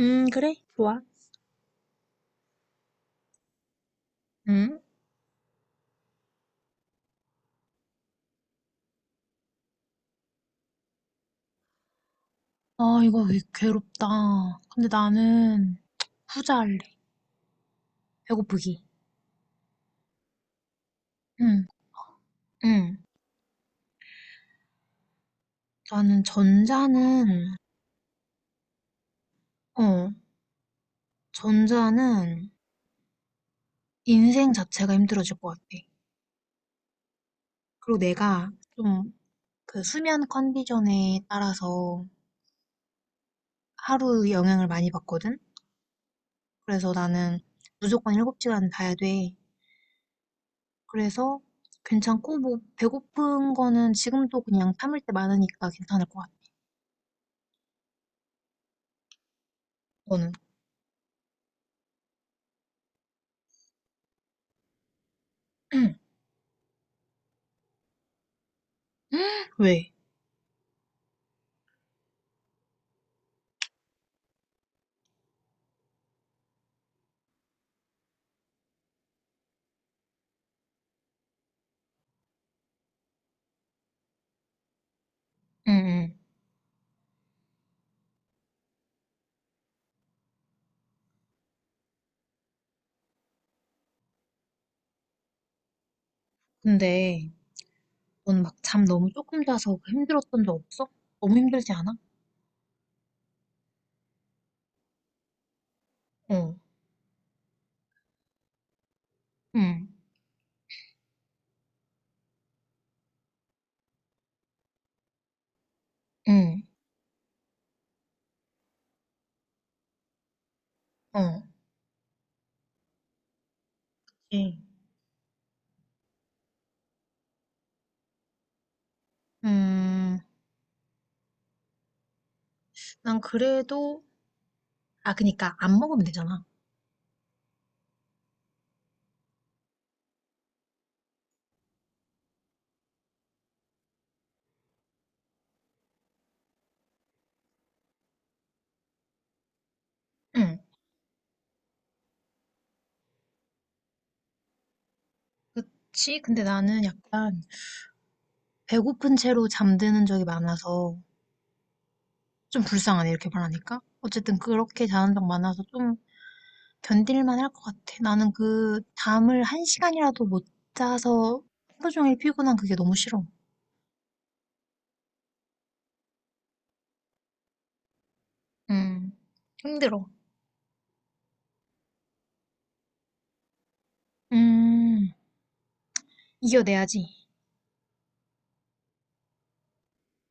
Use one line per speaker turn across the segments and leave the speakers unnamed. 그래. 좋아. 응. 아, 이거 왜 괴롭다. 근데 나는 후자 할래. 배고프기. 응, 응. 나는 전자는, 어, 전자는 인생 자체가 힘들어질 것 같아. 그리고 내가 좀 그 수면 컨디션에 따라서 하루 영향을 많이 받거든? 그래서 나는 무조건 7시간 자야 돼. 그래서 괜찮고, 뭐, 배고픈 거는 지금도 그냥 참을 때 많으니까 괜찮을 것 같아. 너는? 왜? 응, 응. 근데 넌 막 잠 너무 조금 자서 힘들었던 적 없어? 너무 힘들지 않아? 어, 응, 응, 어. 예. 음, 난 그래도, 아, 그니까 안 먹으면 되잖아. 응, 그치? 근데 나는 약간 배고픈 채로 잠드는 적이 많아서 좀 불쌍하네, 이렇게 말하니까. 어쨌든 그렇게 자는 적 많아서 좀 견딜만 할 것 같아. 나는 그 잠을 1시간이라도 못 자서 하루 종일 피곤한 그게 너무 싫어. 음, 힘들어. 음, 이겨내야지.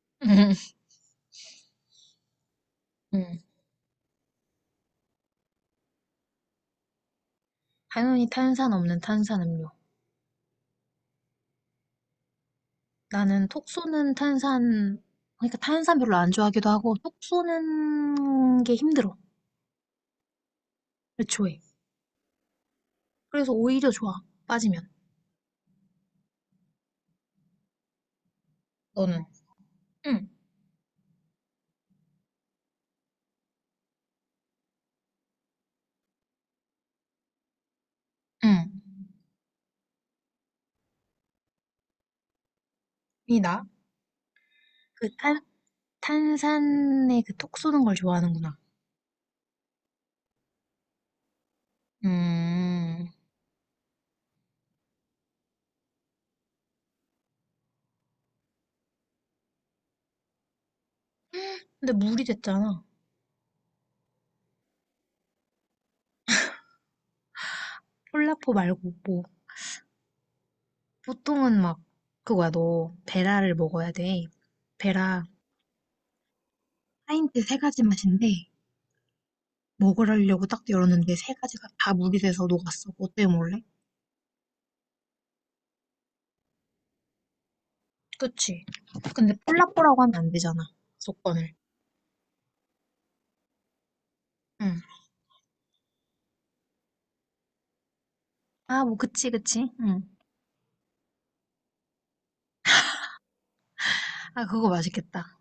음, 음. 당연히 탄산 없는 탄산 음료. 나는 톡 쏘는 탄산, 그러니까 탄산 별로 안 좋아하기도 하고, 톡 쏘는 게 힘들어. 애초에. 그래서 오히려 좋아. 빠지면. 너는? 응, 응. 이 나? 그 탄산에 그 톡 쏘는 걸 좋아하는구나. 음, 근데 물이 됐잖아. 콜라포 말고, 뭐. 보통은 막, 그거야, 너, 베라를 먹어야 돼. 베라. 파인트 세 가지 맛인데 먹으려고 딱 열었는데 세 가지가 다 물이 돼서 녹았어. 어때 몰래? 그치. 근데 폴라뽀라고 하면 안 되잖아. 조건을. 응. 아, 뭐, 그치, 그치. 응. 아, 그거 맛있겠다.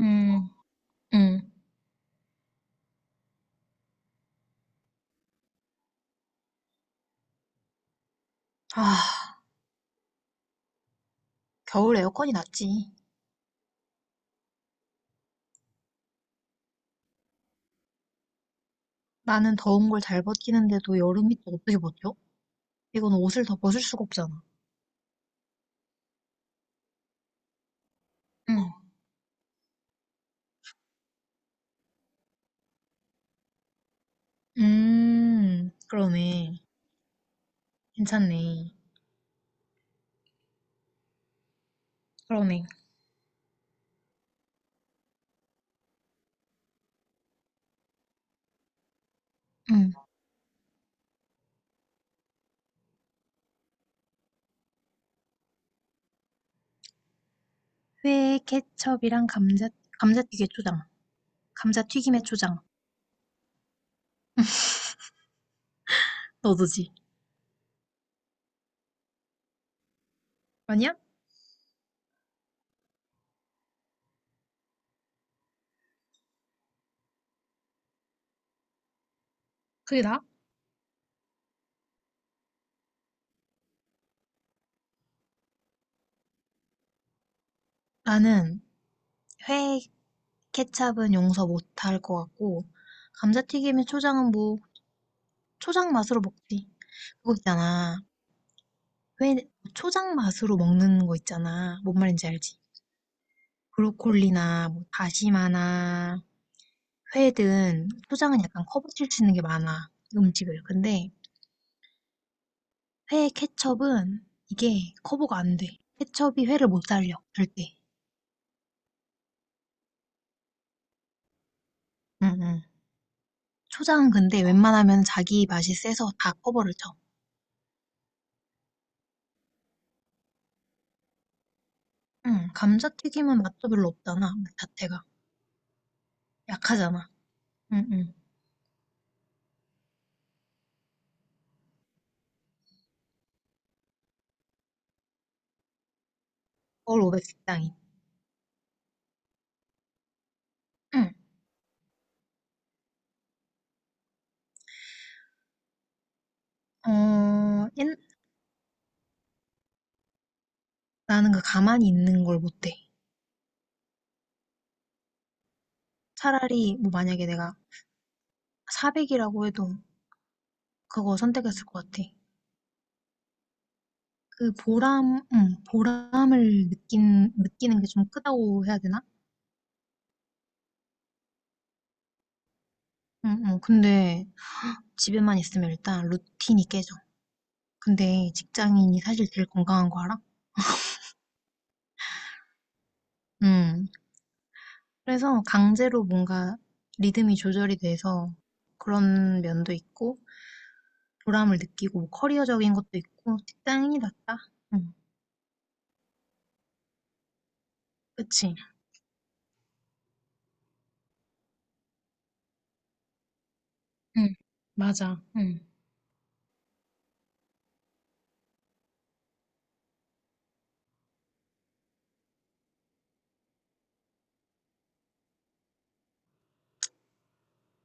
음, 응. 아, 겨울 에어컨이 낫지. 나는 더운 걸 잘 버티는데도 여름이 또 어떻게 버텨? 이건 옷을 더 벗을 수가 없잖아. 응. 그러네. 괜찮네. 그러네. 응. 회, 케첩이랑 감자튀김 초장. 감자튀김에 초장. 너도지? 아니야? 그게 나? 나는 회 케찹은 용서 못할 것 같고 감자튀김에 초장은 뭐 초장 맛으로 먹지. 그거 있잖아. 회 초장 맛으로 먹는 거 있잖아. 뭔 말인지 알지? 브로콜리나 뭐 다시마나 회든 초장은 약간 커버칠 수 있는 게 많아. 음식을. 근데 회 케첩은 이게 커버가 안 돼. 케첩이 회를 못 살려. 절대. 응응. 초장은 근데 웬만하면 자기 맛이 세서 다 커버를 쳐. 응, 감자튀김은 맛도 별로 없잖아, 맛 자체가. 약하잖아. 응, 응. 서울 500 식당이. 응. 어, 나는 그 가만히 있는 걸 못해. 차라리, 뭐 만약에 내가 400이라고 해도 그거 선택했을 것 같아. 그 보람, 응, 보람을 느끼는 게 좀 크다고 해야 되나? 응, 응. 근데 집에만 있으면 일단 루틴이 깨져. 근데 직장인이 사실 제일 건강한 거 알아? 응. 그래서 강제로 뭔가 리듬이 조절이 돼서 그런 면도 있고 보람을 느끼고 뭐 커리어적인 것도 있고 직장인이 낫다. 응, 그치? 응, 맞아. 응.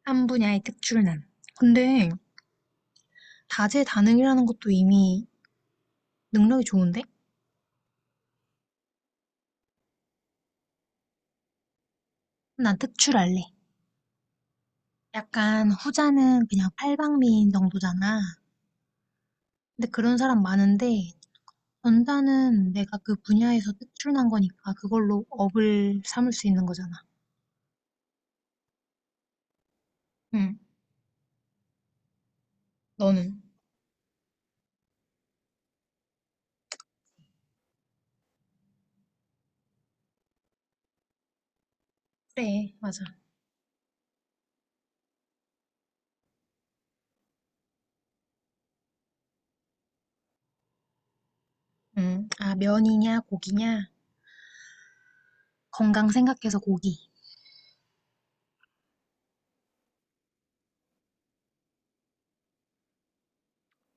한 분야의 특출난. 근데 다재다능이라는 것도 이미 능력이 좋은데? 난 특출할래. 약간 후자는 그냥 팔방미인 정도잖아. 근데 그런 사람 많은데 전자는 내가 그 분야에서 특출난 거니까 그걸로 업을 삼을 수 있는 거잖아. 응. 너는? 그래, 맞아. 응. 아, 면이냐, 고기냐? 건강 생각해서 고기.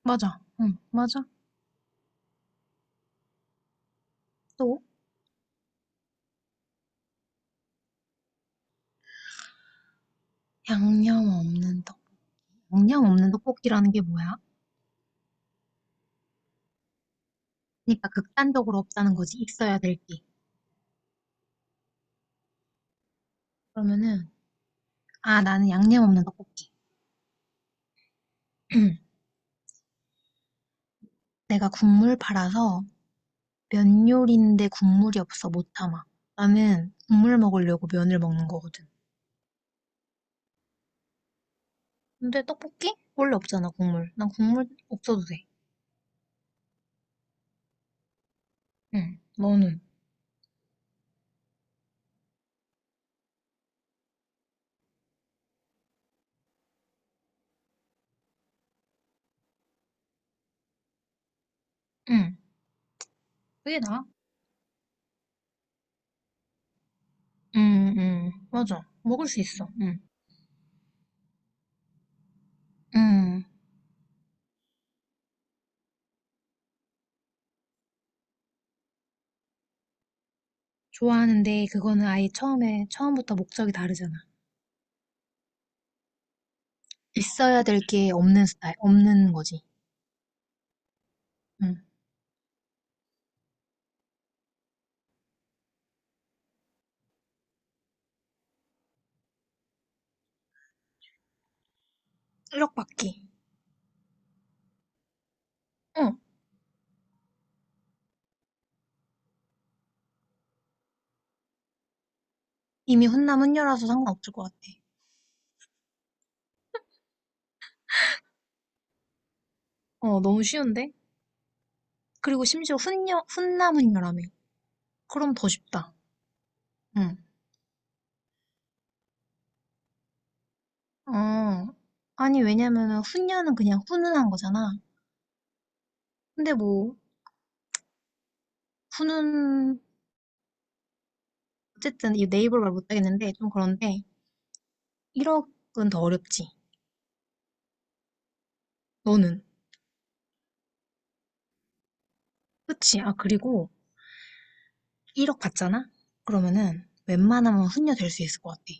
맞아. 응, 맞아. 또, 양념 없는 떡. 양념 없는 떡볶이라는 게 뭐야? 그러니까 극단적으로 없다는 거지, 있어야 될 게. 그러면은, 아, 나는 양념 없는 떡볶이. 내가 국물 팔아서 면 요리인데 국물이 없어 못 참아. 나는 국물 먹으려고 면을 먹는 거거든. 근데 떡볶이? 원래 없잖아, 국물. 난 국물 없어도 돼. 응, 너는? 응, 그게 나아. 맞아. 먹을 수 있어. 음. 음. 좋아하는데 그거는 아예 처음에 처음부터 목적이 다르잖아. 있어야 될 게 없는 스타일, 없는 거지. 음. 실력받기. 어, 이미 훈남 훈녀라서 상관없을 것 같아. 어, 너무 쉬운데? 그리고 심지어 훈남 훈녀라며. 그럼 더 쉽다. 응. 어, 아니, 왜냐면은 훈녀는 그냥 훈훈한 거잖아. 근데 뭐, 훈훈, 어쨌든 이 네이버 말 못하겠는데, 좀 그런데, 1억은 더 어렵지. 너는? 그치. 아, 그리고 1억 받잖아? 그러면은 웬만하면 훈련될 수 있을 것 같아.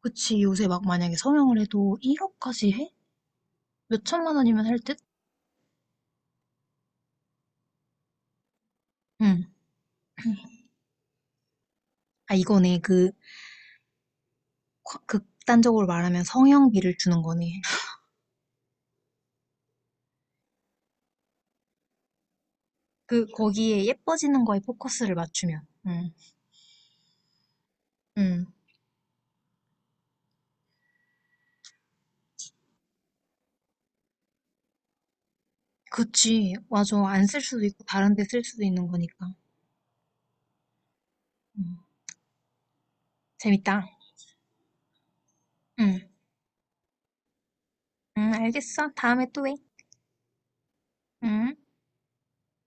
그치. 요새 막 만약에 성형을 해도 1억까지 해? 몇 천만 원이면 할 듯? 응. 아, 이거네. 그, 극단적으로 말하면 성형비를 주는 거네. 그, 거기에 예뻐지는 거에 포커스를 맞추면. 응. 응. 그치. 맞아. 안 쓸 수도 있고, 다른 데 쓸 수도 있는 거니까. 응. 재밌다. 응. 응, 알겠어. 다음에 또 해. 응.